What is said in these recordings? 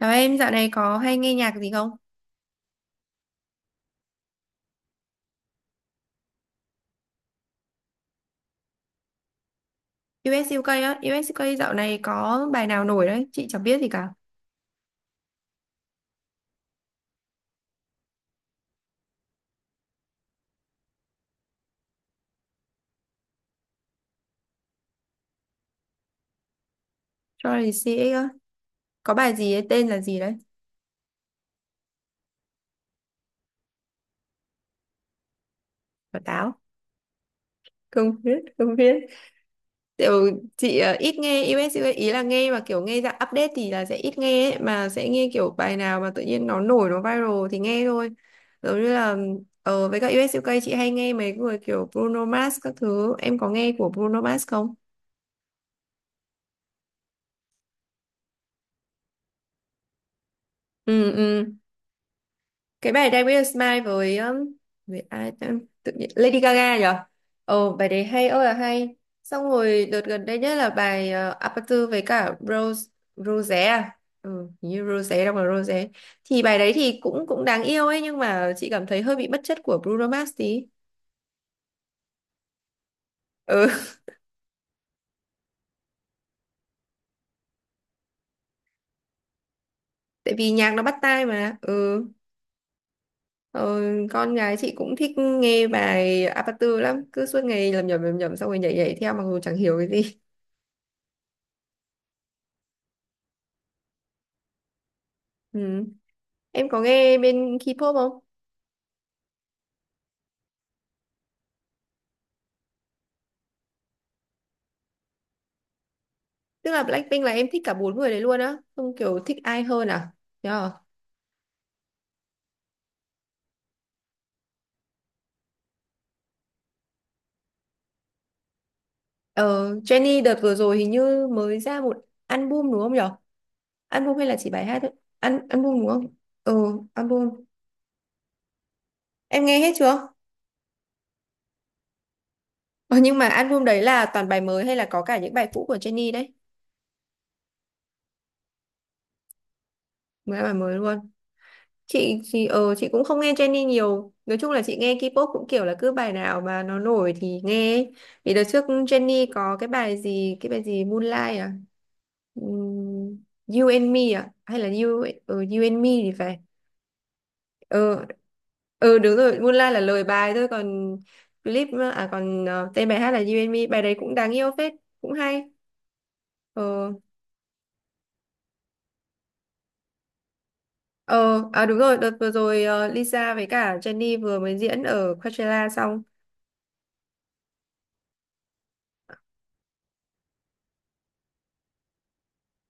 Chào em, dạo này có hay nghe nhạc gì không? US UK á, US UK dạo này có bài nào nổi đấy, chị chẳng biết gì cả. Charlie CX á, có bài gì ấy, tên là gì đấy? Quả táo. Không biết, không biết. Kiểu chị ít nghe US UK, ý là nghe mà kiểu nghe dạng update thì là sẽ ít nghe ấy, mà sẽ nghe kiểu bài nào mà tự nhiên nó nổi, nó viral thì nghe thôi. Giống như là với cả US UK chị hay nghe mấy người kiểu Bruno Mars các thứ, em có nghe của Bruno Mars không? Ừ ừ, cái bài Dance with a Smile với ai ta? Tự nhiên Lady Gaga nhở. Ồ, bài đấy hay ơi là hay. Xong rồi đợt gần đây nhất là bài Aperture với cả Rose. Rosé à, ừ, hình như Rosé đâu mà Rosé thì bài đấy thì cũng cũng đáng yêu ấy, nhưng mà chị cảm thấy hơi bị bất chất của Bruno Mars tí. Ừ. Tại vì nhạc nó bắt tai mà. Ừ. Ờ, con gái chị cũng thích nghe bài Aperture lắm, cứ suốt ngày lầm nhầm xong rồi nhảy nhảy theo mặc dù chẳng hiểu cái gì. Ừ. Em có nghe bên K-pop không? Tức là Blackpink là em thích cả bốn người đấy luôn á, không kiểu thích ai hơn à? Yeah. Ờ, Jennie đợt vừa rồi hình như mới ra một album đúng không nhở? Album hay là chỉ bài hát thôi? Album đúng không? Ừ, album. Em nghe hết chưa? Ờ, nhưng mà album đấy là toàn bài mới hay là có cả những bài cũ của Jennie đấy? Mới, bài mới luôn. Chị cũng không nghe Jennie nhiều, nói chung là chị nghe K-pop cũng kiểu là cứ bài nào mà nó nổi thì nghe ấy. Thì đợt trước Jennie có cái bài gì, cái bài gì Moonlight à, Ừm, You and Me à hay là You and Me thì phải. Ờ, ừ đúng rồi, Moonlight là lời bài thôi, còn clip, à còn tên bài hát là You and Me, bài đấy cũng đáng yêu phết, cũng hay. Ờ, ờ, à đúng rồi, đợt vừa rồi Lisa với cả Jennie vừa mới diễn ở Coachella xong.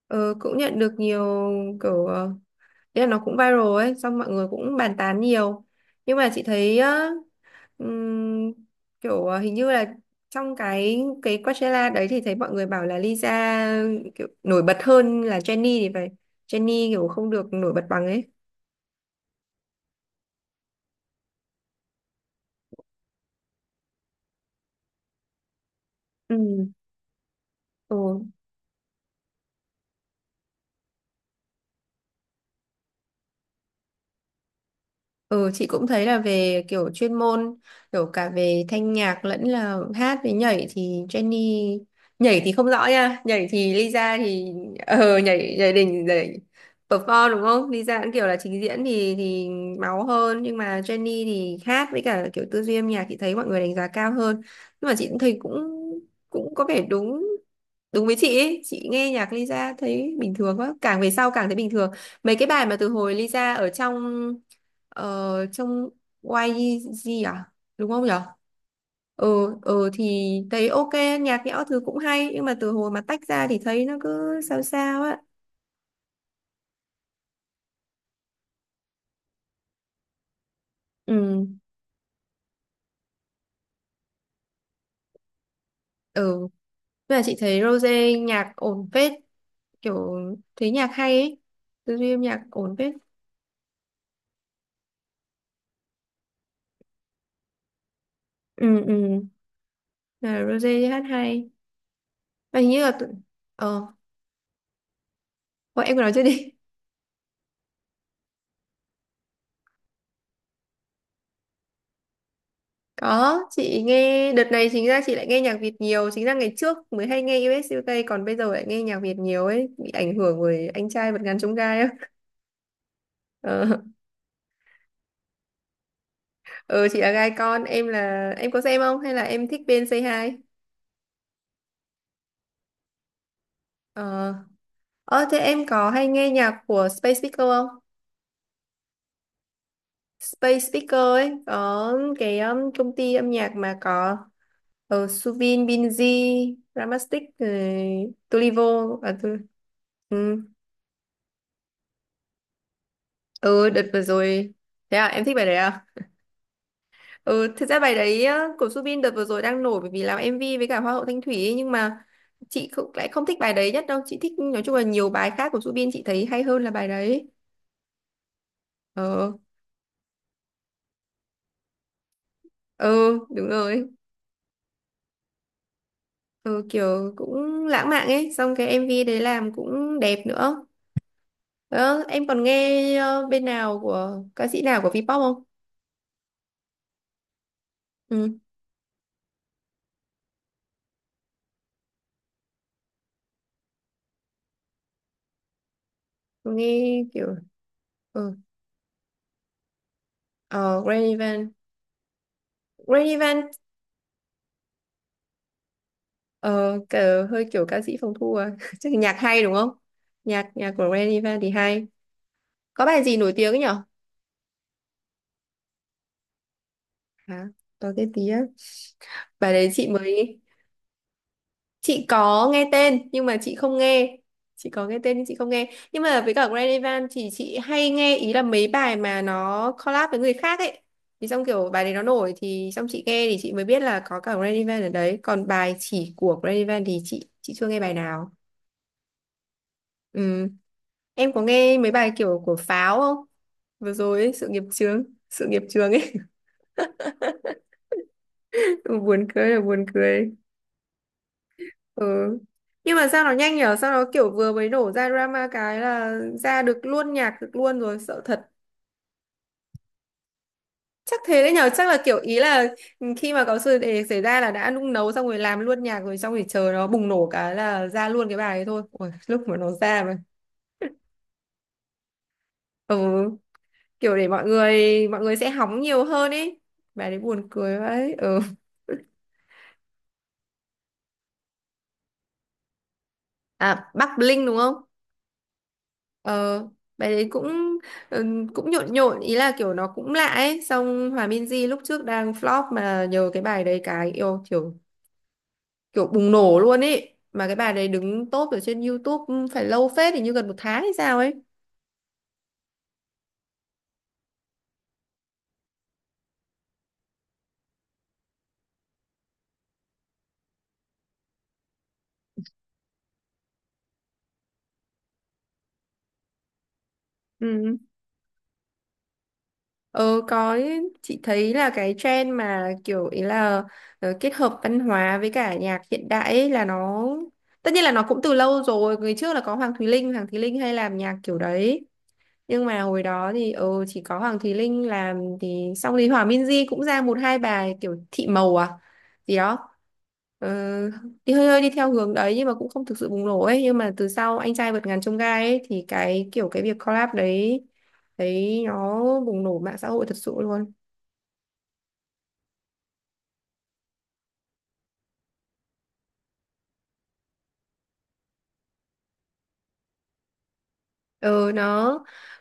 Ờ, cũng nhận được nhiều kiểu ý là nó cũng viral ấy, xong mọi người cũng bàn tán nhiều, nhưng mà chị thấy á, ừm, kiểu hình như là trong cái Coachella đấy thì thấy mọi người bảo là Lisa kiểu nổi bật hơn là Jennie thì phải, Jennie kiểu không được nổi bật bằng ấy. Ừ. Ừ. Ừ, chị cũng thấy là về kiểu chuyên môn, kiểu cả về thanh nhạc lẫn là hát với nhảy thì Jenny, nhảy thì không rõ nha, nhảy thì Lisa thì ờ nhảy nhảy đình nhảy perform đúng không? Lisa cũng kiểu là trình diễn thì máu hơn, nhưng mà Jenny thì hát với cả kiểu tư duy âm nhạc chị thấy mọi người đánh giá cao hơn. Nhưng mà chị cũng thấy cũng cũng có vẻ đúng đúng với chị ấy. Chị nghe nhạc Lisa thấy bình thường quá, càng về sau càng thấy bình thường. Mấy cái bài mà từ hồi Lisa ở trong trong YG à đúng không nhở. Ờ, ờ thì thấy ok, nhạc nhẽo thứ cũng hay, nhưng mà từ hồi mà tách ra thì thấy nó cứ sao sao á. Ừ. Ừ, nhưng mà chị thấy Rose nhạc ổn phết, kiểu thấy nhạc hay ấy, tư duy âm nhạc ổn phết. Ừ, ừ, là Rose hát hay, mà hình như là tự- ờ thôi em cứ nói trước đi. Có, chị nghe đợt này chính ra chị lại nghe nhạc Việt nhiều, chính ra ngày trước mới hay nghe US UK còn bây giờ lại nghe nhạc Việt nhiều ấy, bị ảnh hưởng bởi anh trai vượt ngàn chông gai á. Ờ, ờ, chị là gai con, em là em có xem không hay là em thích bên Say Hi? Ờ, ờ thế em có hay nghe nhạc của Space Speaker không? Space Speaker ấy có cái công ty âm nhạc mà có Suvin, Binz, Ramastic, Tulivo, à, tu, ừ. Ừ đợt vừa rồi. Thế à em thích bài đấy à. Ừ thực ra bài đấy á, của Subin đợt vừa rồi đang nổi, bởi vì làm MV với cả Hoa hậu Thanh Thủy ấy. Nhưng mà chị không, lại không thích bài đấy nhất đâu, chị thích nói chung là nhiều bài khác của Subin chị thấy hay hơn là bài đấy. Ờ, ừ đúng rồi. Ừ, kiểu cũng lãng mạn ấy, xong cái MV đấy làm cũng đẹp nữa. Ờ, em còn nghe bên nào của ca sĩ nào của Vpop không? Ừ, nghe kiểu, ừ. Ờ, Granny Van. Granny Van. Ờ, cờ, hơi kiểu ca sĩ phòng thu à. Chắc là nhạc hay đúng không? Nhạc nhạc của Ren Evan thì hay. Có bài gì nổi tiếng ấy nhở? Hả? Có cái tí á. Bài đấy chị mới, chị có nghe tên nhưng mà chị không nghe. Chị có nghe tên nhưng chị không nghe. Nhưng mà với cả Ren Evan thì chị hay nghe ý là mấy bài mà nó collab với người khác ấy. Thì xong kiểu bài đấy nó nổi thì xong chị nghe thì chị mới biết là có cả Ren Evan ở đấy. Còn bài chỉ của Ren Evan thì chị chưa nghe bài nào. Ừ. Em có nghe mấy bài kiểu của Pháo không? Vừa rồi ấy, sự nghiệp chướng ấy, buồn cười là buồn cười. Ừ. Nhưng mà sao nó nhanh nhở? Sao nó kiểu vừa mới nổ ra drama cái là ra được luôn nhạc được luôn rồi, sợ thật. Chắc thế đấy nhở, chắc là kiểu ý là khi mà có sự để xảy ra là đã nung nấu xong rồi làm luôn nhạc rồi xong rồi chờ nó bùng nổ cái là ra luôn cái bài ấy thôi. Ôi, lúc mà nó ra mà. Ừ, kiểu để mọi người sẽ hóng nhiều hơn ấy. Bài đấy buồn cười vậy. Ừ. À, Bắc Bling đúng không? Ờ, bài đấy cũng, ừ, cũng nhộn nhộn, ý là kiểu nó cũng lạ ấy, xong Hòa Minzy lúc trước đang flop mà nhờ cái bài đấy cái yêu kiểu kiểu bùng nổ luôn ấy. Mà cái bài đấy đứng top ở trên YouTube phải lâu phết thì như gần một tháng hay sao ấy. Ừ. Ờ có ý, chị thấy là cái trend mà kiểu ý là kết hợp văn hóa với cả nhạc hiện đại ấy là nó tất nhiên là nó cũng từ lâu rồi, người trước là có Hoàng Thùy Linh, Hoàng Thùy Linh hay làm nhạc kiểu đấy, nhưng mà hồi đó thì ừ chỉ có Hoàng Thùy Linh làm thì xong thì Hòa Minzy cũng ra một hai bài kiểu thị màu à gì đó. Ờ, đi hơi hơi đi theo hướng đấy nhưng mà cũng không thực sự bùng nổ ấy, nhưng mà từ sau anh trai vượt ngàn chông gai ấy thì cái kiểu cái việc collab đấy, đấy nó bùng nổ mạng xã hội thật sự luôn. Ừ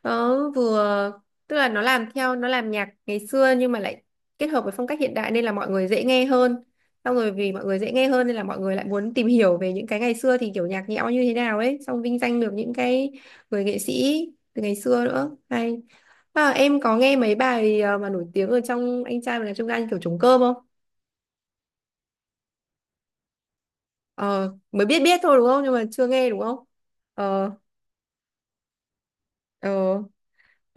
nó vừa, tức là nó làm theo, nó làm nhạc ngày xưa nhưng mà lại kết hợp với phong cách hiện đại nên là mọi người dễ nghe hơn, xong rồi vì mọi người dễ nghe hơn nên là mọi người lại muốn tìm hiểu về những cái ngày xưa thì kiểu nhạc nhẽo như thế nào ấy, xong vinh danh được những cái người nghệ sĩ từ ngày xưa nữa hay. À, em có nghe mấy bài mà nổi tiếng ở trong anh trai và trong anh kiểu trống cơm không. Ờ mới biết biết thôi đúng không nhưng mà chưa nghe đúng không. Ờ, ờ.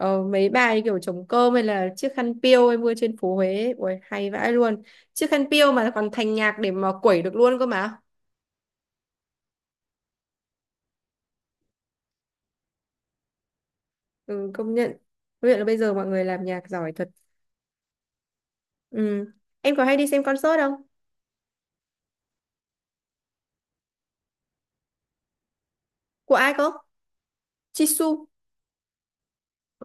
Ờ, mấy bài kiểu trống cơm hay là chiếc khăn piêu em mua trên phố Huế ấy. Ui, hay vãi luôn, chiếc khăn piêu mà còn thành nhạc để mà quẩy được luôn cơ mà. Ừ, công nhận, công nhận là bây giờ mọi người làm nhạc giỏi thật. Ừ. Em có hay đi xem concert không? Của ai cơ? Jisoo,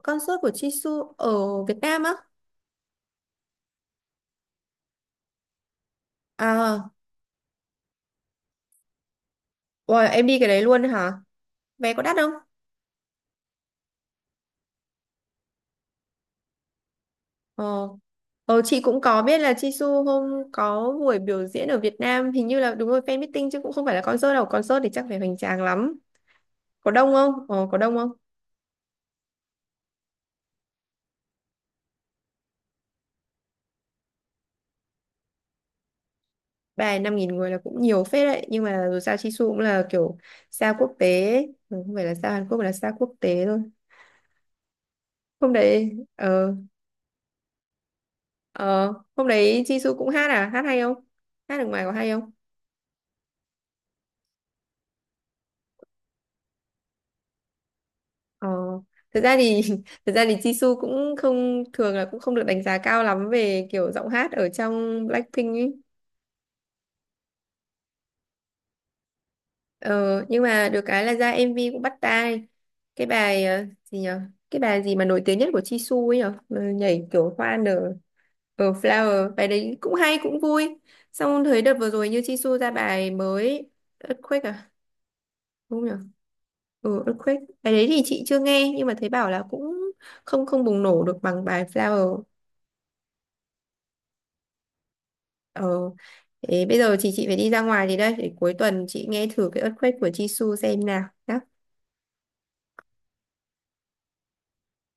concert của Jisoo ở Việt Nam á. À, ui, em đi cái đấy luôn hả? Vé có đắt không? Ờ. Ờ chị cũng có biết là Jisoo hôm có buổi biểu diễn ở Việt Nam hình như là đúng rồi fan meeting chứ cũng không phải là concert đâu, concert thì chắc phải hoành tráng lắm. Có đông không? Ờ, có đông không? Ba năm nghìn người là cũng nhiều phết đấy, nhưng mà dù sao Jisoo cũng là kiểu sao quốc tế ấy. Ừ, không phải là sao Hàn Quốc mà là sao quốc tế thôi. Hôm đấy ờ, ờ hôm đấy Jisoo cũng hát à, hát hay không, hát được ngoài có hay không? Ờ thực ra thì thực ra thì Jisoo cũng không thường là cũng không được đánh giá cao lắm về kiểu giọng hát ở trong Blackpink ấy. Ờ, nhưng mà được cái là ra MV cũng bắt tai. Cái bài gì nhở, cái bài gì mà nổi tiếng nhất của Jisoo ấy nhở. Ờ, nhảy kiểu hoa nở, ở Flower, bài đấy cũng hay cũng vui. Xong thấy đợt vừa rồi như Jisoo ra bài mới Earthquake à đúng không nhở. Ừ, Earthquake bài đấy thì chị chưa nghe nhưng mà thấy bảo là cũng không không bùng nổ được bằng bài Flower. Ờ, thế bây giờ chị phải đi ra ngoài thì đây để cuối tuần chị nghe thử cái Earthquake của Jisoo xem nào nhá.